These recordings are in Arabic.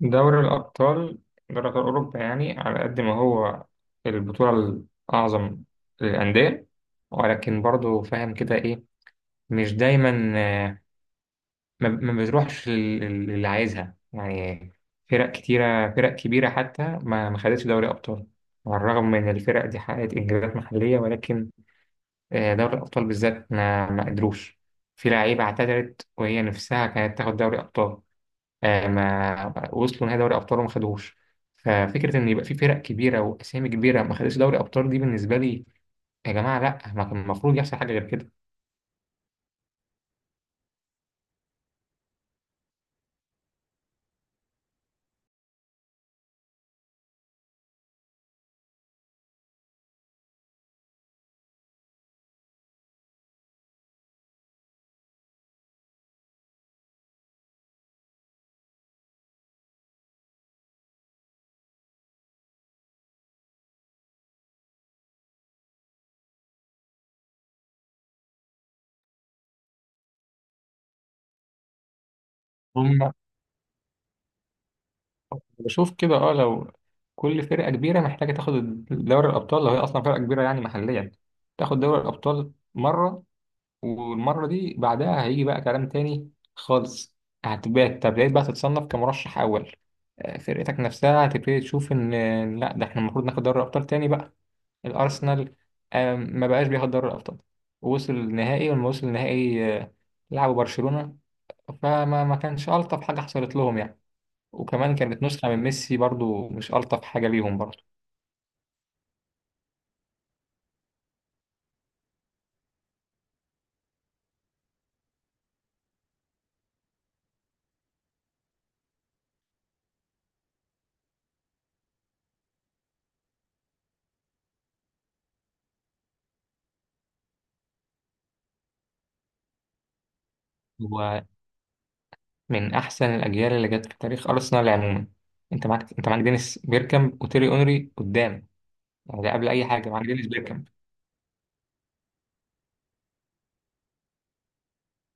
دوري الأبطال دوري أبطال أوروبا، يعني على قد ما هو البطولة الأعظم للأندية، ولكن برضو فاهم كده إيه، مش دايما. آه، ما بتروحش للي عايزها يعني. فرق كبيرة حتى ما خدتش دوري أبطال، على الرغم من إن الفرق دي حققت إنجازات محلية، ولكن دوري الأبطال بالذات ما قدروش. في لعيبة اعتذرت وهي نفسها كانت تاخد دوري أبطال، ما وصلوا نهائي دوري ابطال وما خدوهوش. ففكره ان يبقى في فرق كبيره واسامي كبيره ما خدتش دوري ابطال، دي بالنسبه لي يا جماعه، لا، ما كان المفروض يحصل حاجه غير كده. هم بشوف كده، لو كل فرقه كبيره محتاجه تاخد دوري الابطال، لو هي اصلا فرقه كبيره يعني محليا، تاخد دوري الابطال مره، والمره دي بعدها هيجي بقى كلام تاني خالص. هتبقى تبدأ بقى تتصنف كمرشح اول، فرقتك نفسها هتبتدي تشوف ان إن لا، ده احنا المفروض ناخد دوري الابطال تاني بقى. الارسنال ما بقاش بياخد دوري الابطال، ووصل النهائي، ولما وصل النهائي لعبوا برشلونة. فما ما كانش الطف حاجة حصلت لهم يعني، وكمان كانت نسخة من ميسي برضو مش الطف حاجة ليهم برضو. هو من احسن الاجيال اللي جت في تاريخ ارسنال عموما، انت معاك دينيس بيركامب وتيري اونري قدام، يعني ده قبل اي حاجة معاك دينيس بيركامب.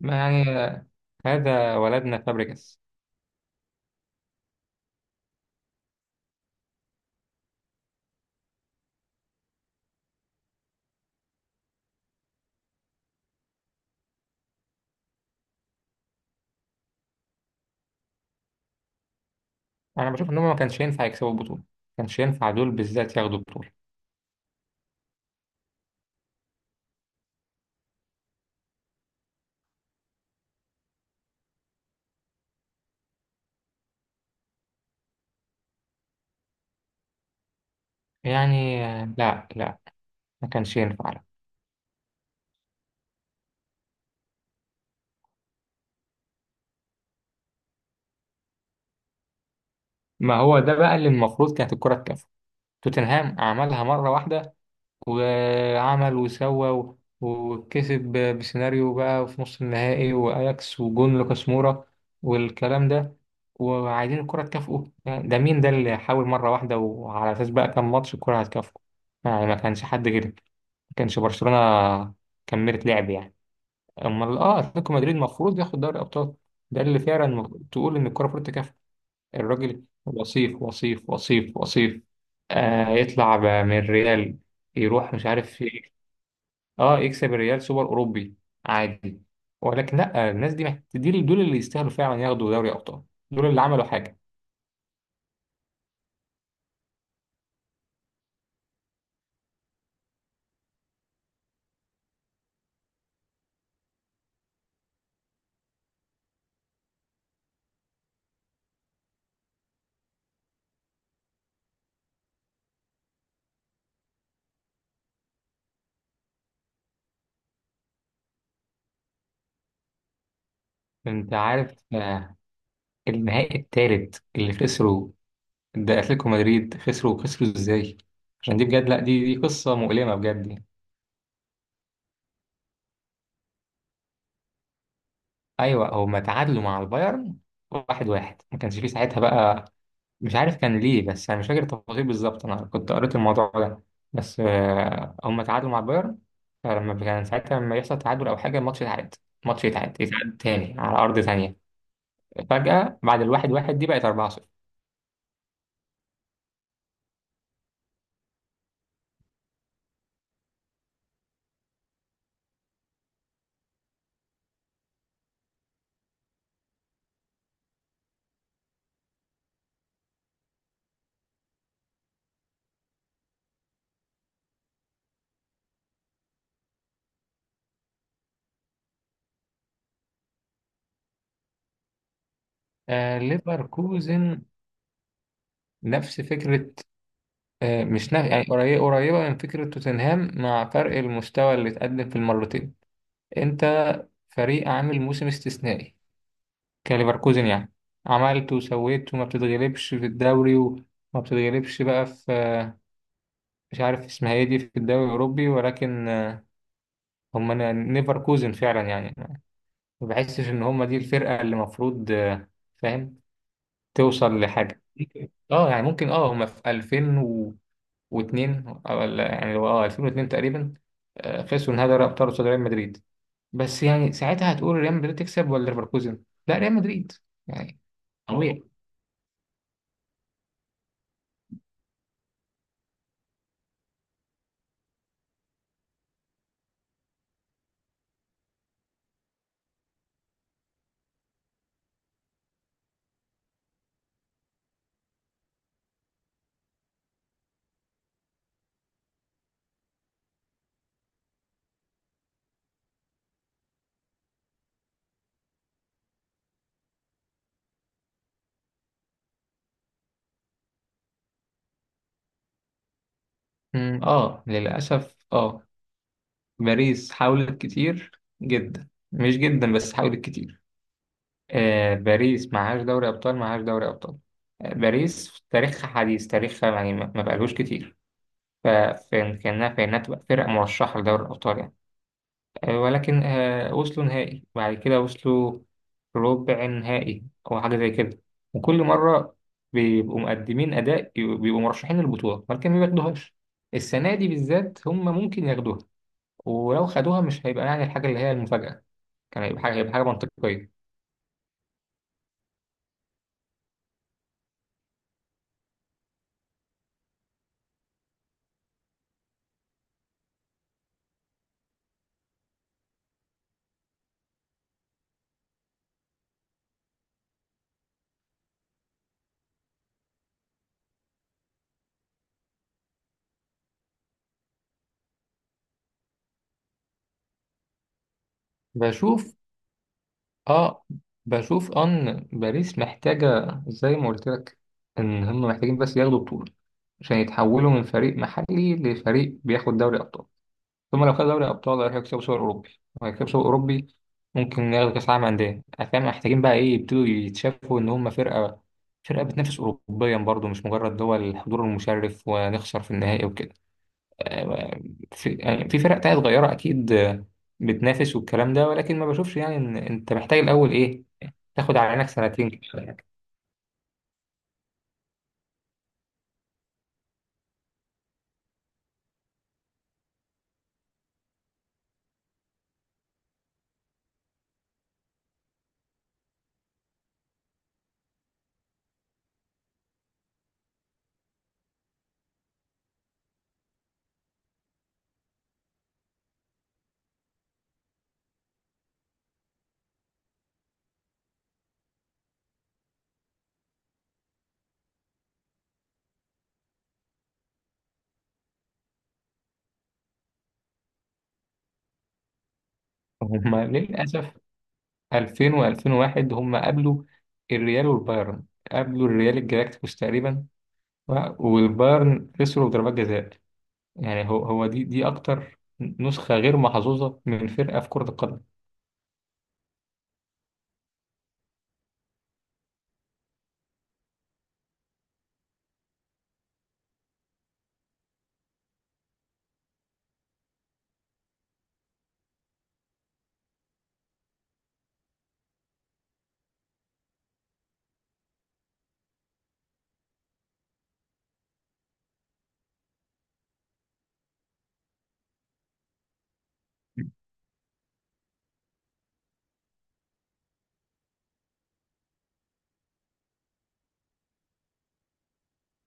ما يعني هذا ولدنا فابريجاس. انا بشوف ان هم ما كانش ينفع يكسبوا البطولة، ما كانش ينفع دول بالذات ياخدوا البطولة، يعني لا لا، ما كانش ينفع، لا. ما هو ده بقى اللي المفروض كانت الكرة تكافئه. توتنهام عملها مرة واحدة، وعمل وسوى وكسب بسيناريو بقى في نص النهائي، وأياكس وجون لوكاس مورا والكلام ده، وعايزين الكرة تكافئه؟ يعني ده مين ده اللي حاول مرة واحدة، وعلى أساس بقى كام ماتش الكرة هتكافئه؟ يعني ما كانش حد غير ما كانش برشلونة كملت لعب يعني. أمال أتلتيكو مدريد المفروض ياخد دوري أبطال، ده اللي فعلا تقول إن الكرة المفروض تكافئه، الراجل وصيف وصيف وصيف وصيف. يطلع من الريال، يروح مش عارف في إيه. اه يكسب الريال سوبر اوروبي عادي، ولكن لا، الناس دي دي دول اللي يستاهلوا فعلا ياخدوا دوري ابطال، دول اللي عملوا حاجه. انت عارف النهائي الثالث اللي خسروا ده، اتلتيكو مدريد خسروا ازاي؟ عشان دي بجد، لا، دي قصه مؤلمه بجد. ايوه، هما تعادلوا مع البايرن واحد واحد، ما كانش فيه ساعتها بقى، مش عارف كان ليه، بس انا مش فاكر التفاصيل بالظبط، انا كنت قريت الموضوع ده. بس هم تعادلوا مع بايرن، فلما كان ساعتها، لما يحصل تعادل او حاجه الماتش يتعاد، الماتش يتعاد تاني على ارض تانية. فجاه بعد الواحد واحد دي بقت 4-0. ليفركوزن نفس فكره، آه مش نف... يعني قريبه قريبه من فكره توتنهام مع فرق المستوى اللي اتقدم في المرتين. انت فريق عامل موسم استثنائي كليفركوزن يعني، عملت وسويت وما بتتغلبش في الدوري، وما بتتغلبش بقى في مش عارف اسمها ايه دي، في الدوري الأوروبي، ولكن هم نيفركوزن فعلا يعني. ما بحسش إن هم دي الفرقة اللي المفروض، فاهم، توصل لحاجة. اه يعني ممكن هم في 2002، يعني هو 2002 تقريبا، خسروا نهائي دوري ابطال قصاد ريال مدريد. بس يعني ساعتها هتقول ريال مدريد تكسب ولا ليفركوزن؟ لا، ريال مدريد، يعني طبيعي. للأسف باريس حاولت كتير جدا، مش جدا بس حاولت كتير. باريس معهاش دوري أبطال، معهاش دوري أبطال. باريس في تاريخها، حديث تاريخها، يعني ما بقالوش كتير، فكان كأنها في إنها تبقى فرقة مرشحة لدوري الأبطال يعني. ولكن وصلوا نهائي، بعد كده وصلوا ربع نهائي أو حاجة زي كده، وكل مرة بيبقوا مقدمين أداء، بيبقوا مرشحين للبطولة ولكن ما بياخدوهاش. السنة دي بالذات هم ممكن ياخدوها، ولو خدوها مش هيبقى يعني الحاجة اللي هي المفاجأة، كان هيبقى حاجة، هيبقى حاجة منطقية. بشوف اه بشوف ان باريس محتاجة، زي ما قلت لك، ان هم محتاجين بس ياخدوا بطولة، عشان يتحولوا من فريق محلي لفريق بياخد دوري ابطال، ثم لو خد دوري ابطال هيكسبوا سوبر اوروبي، وهيكسبوا سوبر اوروبي ممكن ياخدوا كاس عالم انديه. فاهم، محتاجين بقى ايه، يبتدوا يتشافوا ان هم فرقة، فرقة بتنافس اوروبيا برضو، مش مجرد دول الحضور المشرف ونخسر في النهائي وكده. في يعني في فرق تانية صغيرة أكيد، بتنافس والكلام ده، ولكن ما بشوفش يعني إن أنت محتاج الأول إيه، تاخد على عينك سنتين كده ولا حاجة. هما للأسف 2000 و2001 هما قابلوا الريال والبايرن، قابلوا الريال الجالاكتيكوس تقريبا، والبايرن خسروا بضربات جزاء. يعني هو دي أكتر نسخة غير محظوظة من فرقة في كرة القدم.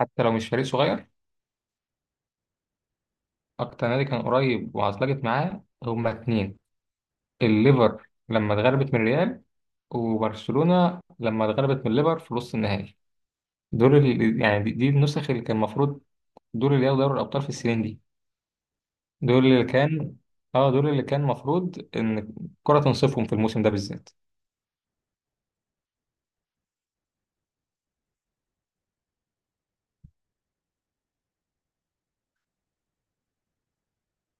حتى لو مش فريق صغير، أكتر نادي كان قريب وعطلقت معاه هما اتنين، الليفر لما اتغلبت من الريال، وبرشلونة لما اتغلبت من الليفر في نص النهائي، دول اللي يعني دي النسخ اللي كان المفروض، دول اللي ياخدوا دوري الأبطال في السنين دي، دول اللي كان اه دول اللي كان المفروض إن الكرة تنصفهم في الموسم ده بالذات.